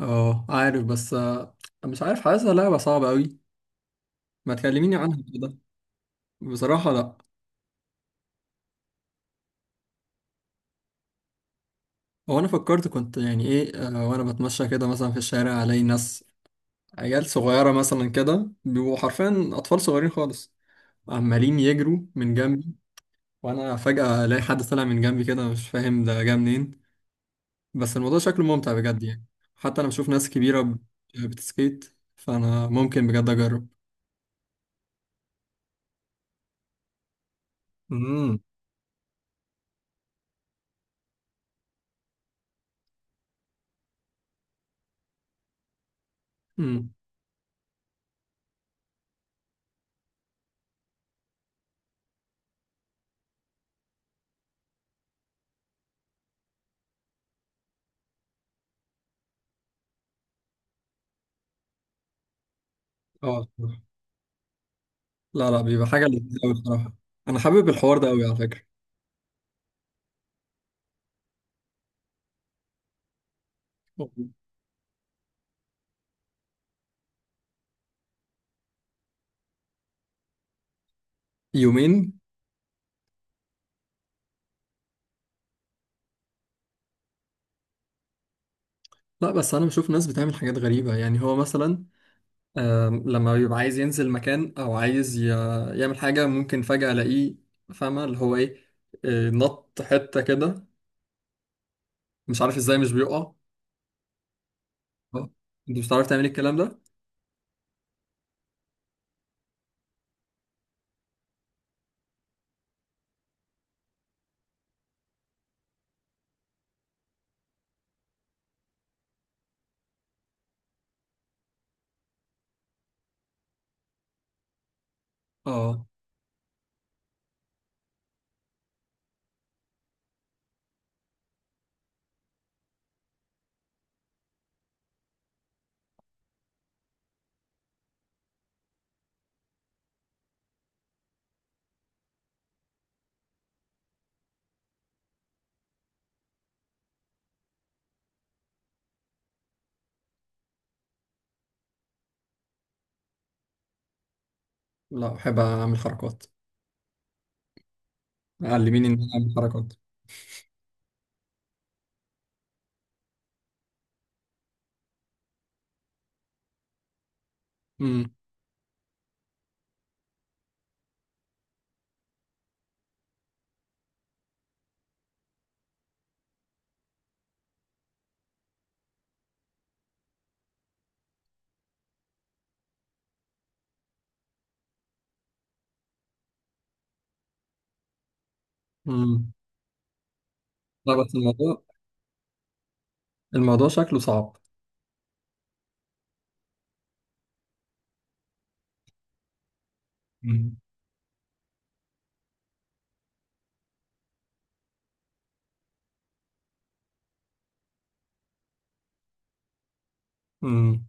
اه عارف. بس آه، مش عارف، حاسسها لعبة صعبة قوي. ما تكلميني عنها كده. بصراحة لا. هو انا فكرت، كنت يعني ايه آه، وانا بتمشى كده مثلا في الشارع، الاقي ناس، عيال صغيرة مثلا كده، بيبقوا حرفيا اطفال صغيرين خالص، عمالين يجروا من جنبي، وانا فجأة الاقي حد طالع من جنبي كده، مش فاهم ده جه منين. بس الموضوع شكله ممتع بجد يعني. حتى انا بشوف ناس كبيرة بتسكيت، فانا ممكن بجد اجرب. امم. امم. اه. لا لا، بيبقى حاجة لذيذة أوي بصراحة. أنا حابب الحوار ده أوي على فكرة. يومين. لا، بس أنا بشوف ناس بتعمل حاجات غريبة يعني. هو مثلا لما بيبقى عايز ينزل مكان أو عايز يعمل حاجة، ممكن فجأة ألاقيه، فاهمة اللي هو إيه، نط حتة كده، مش عارف إزاي مش بيقع. آه، أنت مش بتعرف تعمل الكلام ده؟ أه. لا، بحب أعمل حركات. علميني إن أنا أعمل حركات. امم. امم. لا بس الموضوع، الموضوع شكله صعب. امم.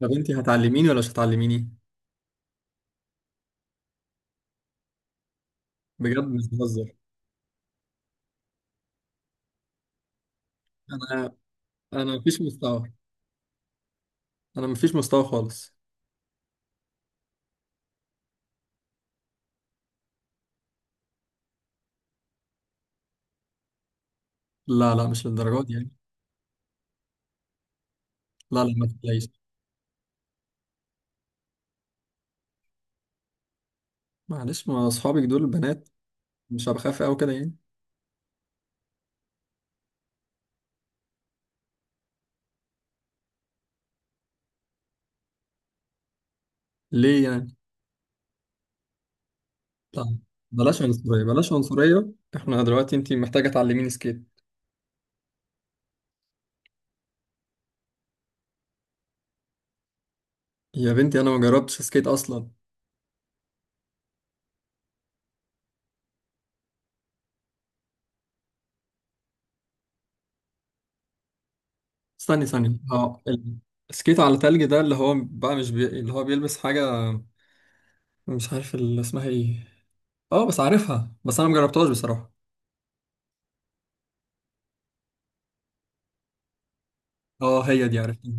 طب انت هتعلميني ولا مش هتعلميني؟ بجد مش بهزر. انا انا مفيش مستوى، انا مفيش مستوى خالص. لا لا، مش للدرجات دي يعني. لا لا، ما تقلقيش. معلش، ما اصحابك دول البنات، مش هبقى خايف قوي كده يعني. ليه يعني؟ لا، بلاش عنصرية، بلاش عنصرية، احنا دلوقتي انت محتاجة تعلميني سكيت. يا بنتي انا ما جربتش سكيت اصلا. استني ثانية. اه، السكيت على تلج ده، اللي هو بقى مش بي... اللي هو بيلبس حاجة، مش عارف اللي اسمها ايه. اه بس عارفها، بس انا مجربتهاش بصراحة. اه هي دي، عرفتها.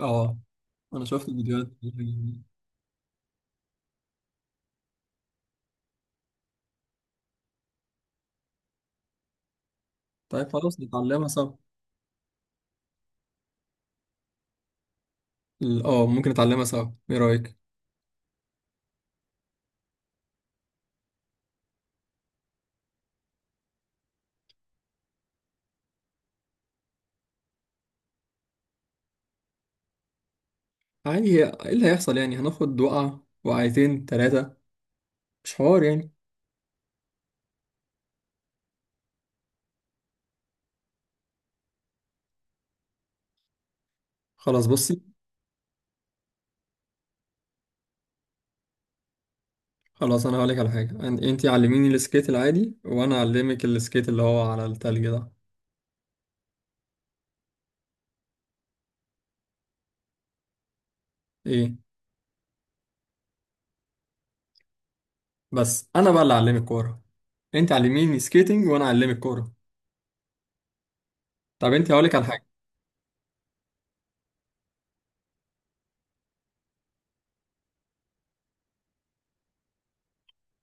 اه، انا شفت الفيديوهات دي. طيب خلاص، نتعلمها سوا. اه، ممكن نتعلمها سوا، ايه رأيك؟ عادي، ايه اللي هيحصل يعني؟ هناخد وقعة، وقعتين، تلاتة، مش حوار يعني. خلاص بصي، خلاص انا هقولك على حاجة، انتي علميني السكيت العادي وانا اعلمك السكيت اللي هو على التلج ده. ايه، بس انا بقى اللي اعلمك كورة. انتي علميني سكيتنج وانا اعلمك كورة. طب انتي هقولك على حاجة.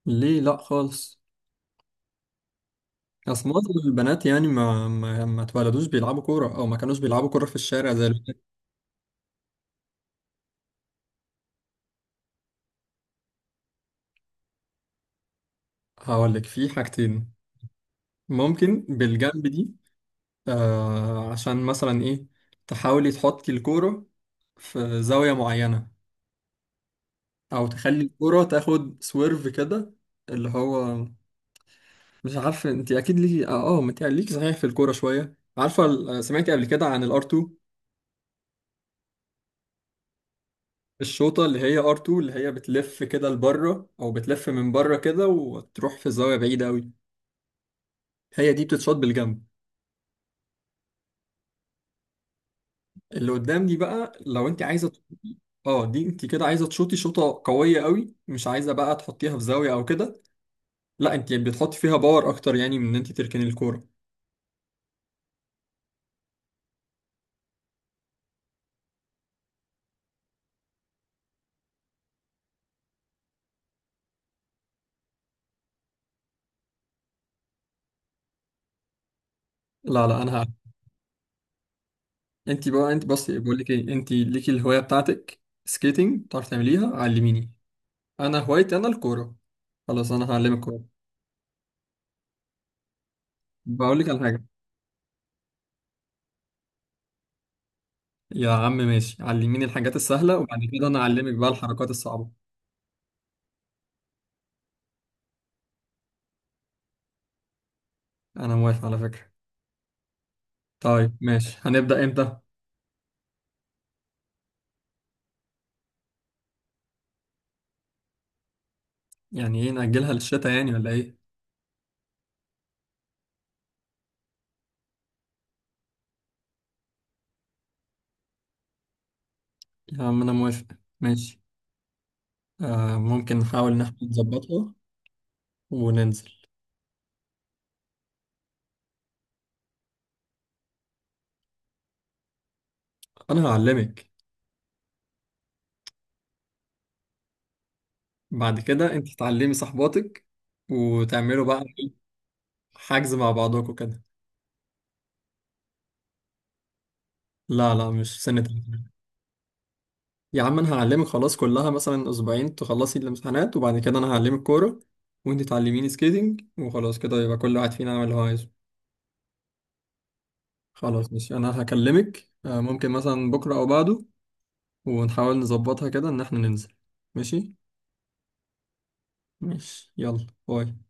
ليه؟ لا خالص. اصل معظم البنات يعني ما اتولدوش بيلعبوا كوره، او ما كانوش بيلعبوا كوره في الشارع زي، هقول لك في حاجتين. ممكن بالجنب دي. آه عشان مثلا ايه، تحاولي تحطي الكورة في زاوية معينة، او تخلي الكورة تاخد سويرف كده، اللي هو، مش عارف انت اكيد ليكي، اه اه ما انت ليكي صحيح في الكورة شوية، عارفة سمعتي قبل كده عن الار 2؟ الشوطة اللي هي ار 2، اللي هي بتلف كده لبره، او بتلف من بره كده، وتروح في زاوية بعيدة قوي. هي دي بتتشاط بالجنب. اللي قدام دي بقى، لو انت عايزه اه، دي انت كده عايزه تشوطي شوطه قويه قوي، مش عايزه بقى تحطيها في زاويه او كده. لا، انت بتحطي فيها باور اكتر، يعني من ان انت تركني الكوره. لا لا انا ه... انت بقى، انت بصي، بقول لك ايه، انت ليكي الهوايه بتاعتك سكيتنج، بتعرفي تعمليها، علميني. انا هوايتي انا الكوره، خلاص انا هعلمك كوره. بقول لك على حاجه. يا عم ماشي، علميني الحاجات السهله، وبعد كده انا اعلمك بقى الحركات الصعبه. انا موافق على فكره. طيب ماشي، هنبدا امتى؟ يعني ايه، نأجلها للشتاء يعني ولا ايه؟ يا عم أنا موافق، ماشي. ممكن نحاول إن إحنا نظبطها وننزل. أنا هعلمك. بعد كده أنت تعلمي صاحباتك، وتعملوا بقى حجز مع بعضكم كده. لا لا، مش سنة تلاتين. يا عم أنا هعلمك خلاص، كلها مثلا أسبوعين تخلصي الامتحانات، وبعد كده أنا هعلمك كورة، وأنت تعلميني سكيتنج، وخلاص كده يبقى كل واحد فينا يعمل اللي هو عايزه. خلاص ماشي. أنا هكلمك ممكن مثلا بكرة أو بعده، ونحاول نظبطها كده إن إحنا ننزل. ماشي. ماشي يلا باي.